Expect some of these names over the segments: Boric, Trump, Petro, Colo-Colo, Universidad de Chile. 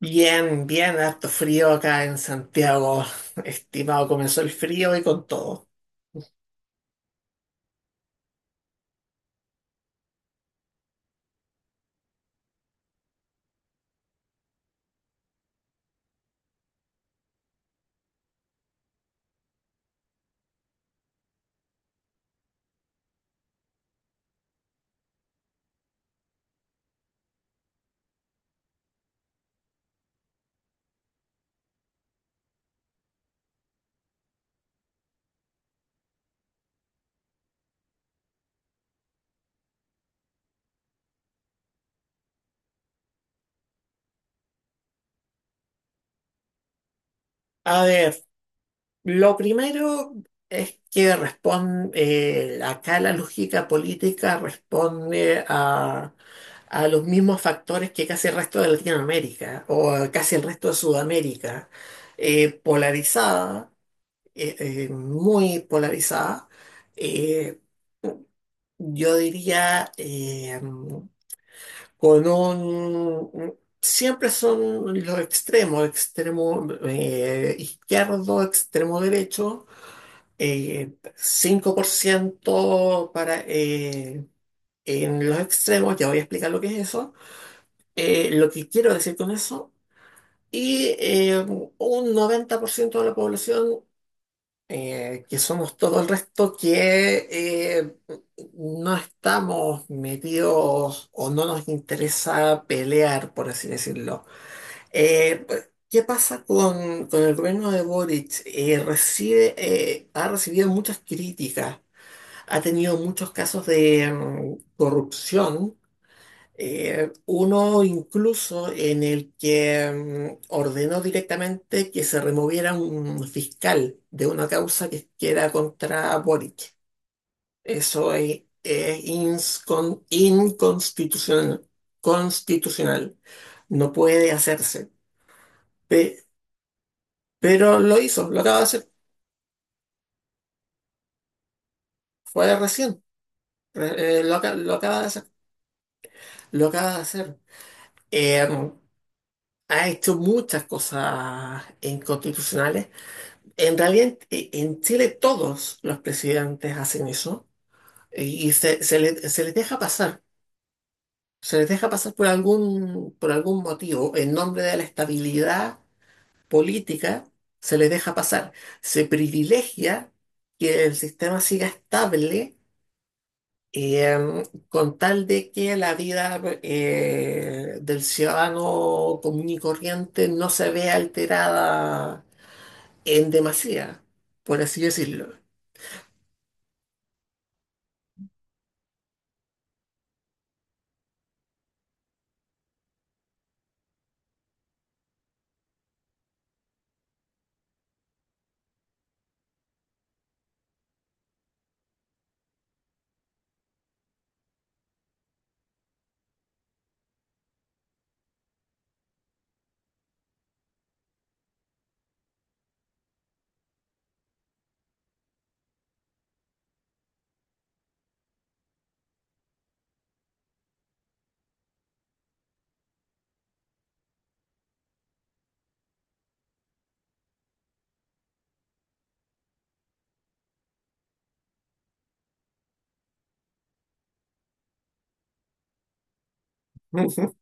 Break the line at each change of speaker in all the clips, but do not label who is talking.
Bien, bien, harto frío acá en Santiago, estimado. Comenzó el frío y con todo. A ver, lo primero es que responde, acá la lógica política responde a los mismos factores que casi el resto de Latinoamérica o a casi el resto de Sudamérica, polarizada, muy polarizada, eh, yo diría con un... Siempre son los extremos, extremo izquierdo, extremo derecho, 5% para, en los extremos, ya voy a explicar lo que es eso, lo que quiero decir con eso, y un 90% de la población, que somos todo el resto, que no estamos metidos o no nos interesa pelear, por así decirlo. Eh, ¿Qué pasa con el gobierno de Boric? Recibe, ha recibido muchas críticas, ha tenido muchos casos de corrupción. Uno incluso en el que ordenó directamente que se removiera un fiscal de una causa que era contra Boric. Eso es inconstitucional. Constitucional. No puede hacerse. Pe- pero lo hizo, lo acaba de hacer. Fue recién. Lo acaba de hacer. Lo acaba de hacer. Eh, ha hecho muchas cosas inconstitucionales. En realidad, en Chile todos los presidentes hacen eso y se les deja pasar. Se les deja pasar por algún motivo. En nombre de la estabilidad política, se les deja pasar. Se privilegia que el sistema siga estable, eh, con tal de que la vida del ciudadano común y corriente no se vea alterada en demasía, por así decirlo. Ujú.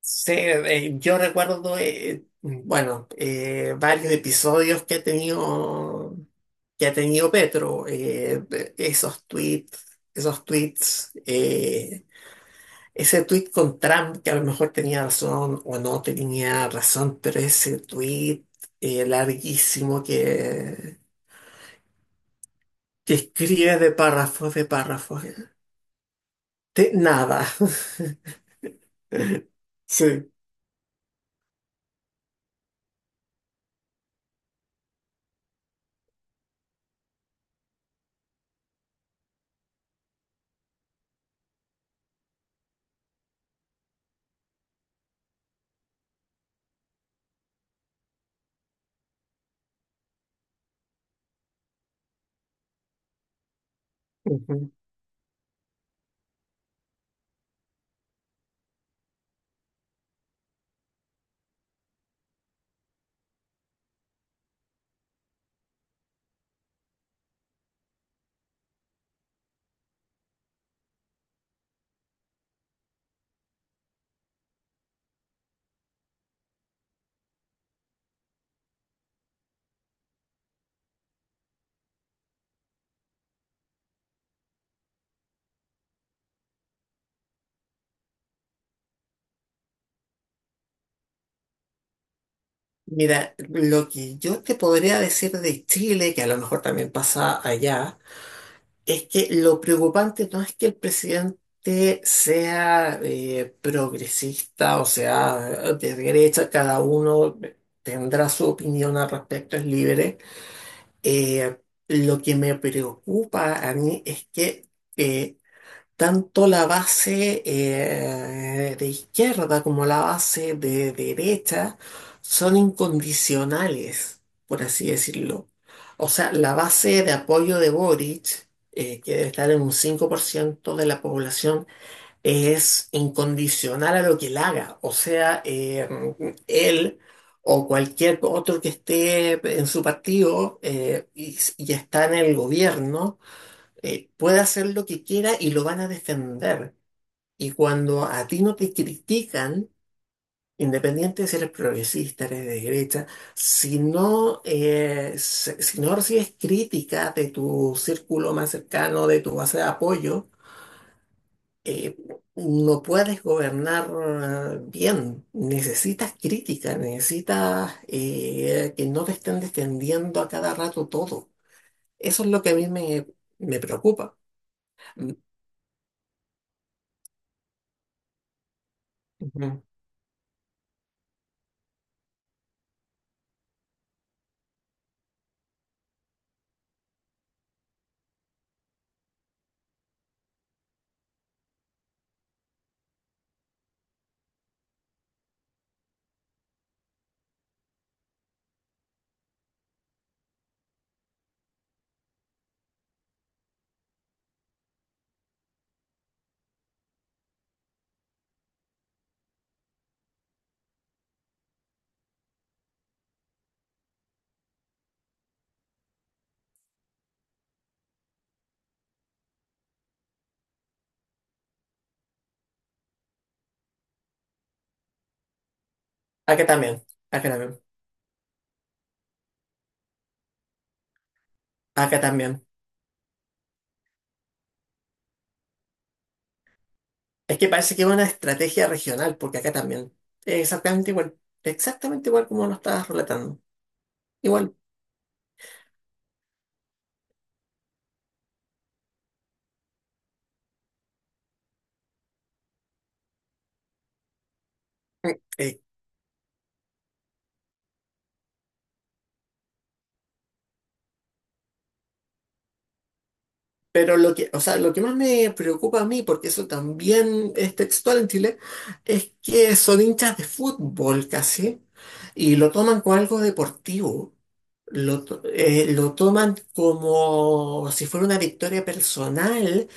Sí, yo recuerdo, bueno, varios episodios que ha tenido Petro, esos tweets, esos tweets, eh, ese tweet con Trump que a lo mejor tenía razón o no tenía razón, pero ese tweet larguísimo que escribe de párrafos, de párrafos, de nada. Sí. Mira, lo que yo te podría decir de Chile, que a lo mejor también pasa allá, es que lo preocupante no es que el presidente sea progresista o sea de derecha, cada uno tendrá su opinión al respecto, es libre. Eh, lo que me preocupa a mí es que eh, tanto la base de izquierda como la base de derecha son incondicionales, por así decirlo. O sea, la base de apoyo de Boric, que debe estar en un 5% de la población, es incondicional a lo que él haga. O sea, él o cualquier otro que esté en su partido y está en el gobierno puede hacer lo que quiera y lo van a defender. Y cuando a ti no te critican, independiente de si eres progresista, eres de derecha, si no, si no recibes crítica de tu círculo más cercano, de tu base de apoyo, eh, no puedes gobernar bien. Necesitas crítica, necesitas que no te estén defendiendo a cada rato todo. Eso es lo que a mí me, me preocupa. Ujú. Acá también, acá también, acá también. Es que parece que es una estrategia regional, porque acá también. Es exactamente igual como lo estabas relatando. Igual. Eh, pero lo que, o sea, lo que más me preocupa a mí, porque eso también es textual en Chile, es que son hinchas de fútbol casi, y lo toman como algo deportivo. Lo toman como si fuera una victoria personal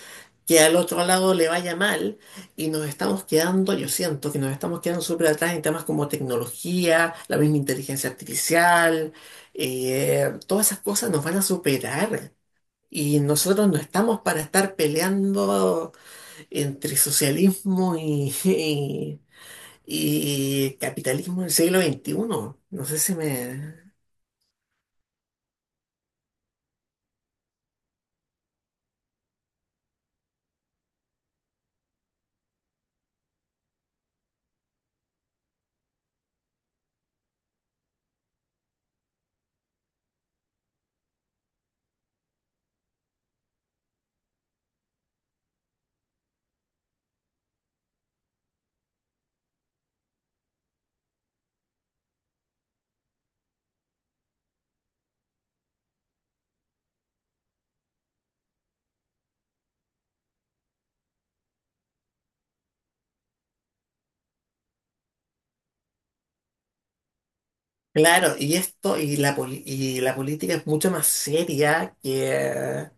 que al otro lado le vaya mal y nos estamos quedando, yo siento que nos estamos quedando súper atrás en temas como tecnología, la misma inteligencia artificial, todas esas cosas nos van a superar. Y nosotros no estamos para estar peleando entre socialismo y, y, y capitalismo del siglo XXI. No sé si me... Claro, y esto, y la, y la política es mucho más seria que,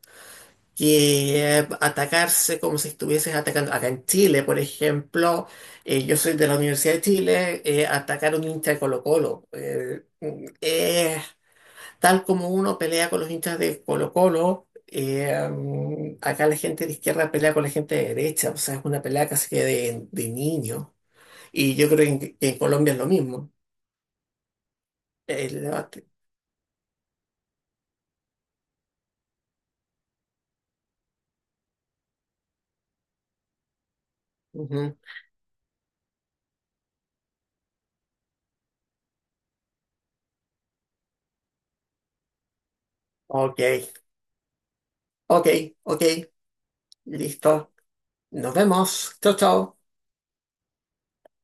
que atacarse como si estuvieses atacando. Acá en Chile, por ejemplo, yo soy de la Universidad de Chile, atacar a un hincha de Colo-Colo. Tal como uno pelea con los hinchas de Colo-Colo, acá la gente de izquierda pelea con la gente de derecha, o sea, es una pelea casi que de niño. Y yo creo que en Colombia es lo mismo. El debate. Ujú. Ok, ok, ok, listo. Nos vemos. Chao, chao.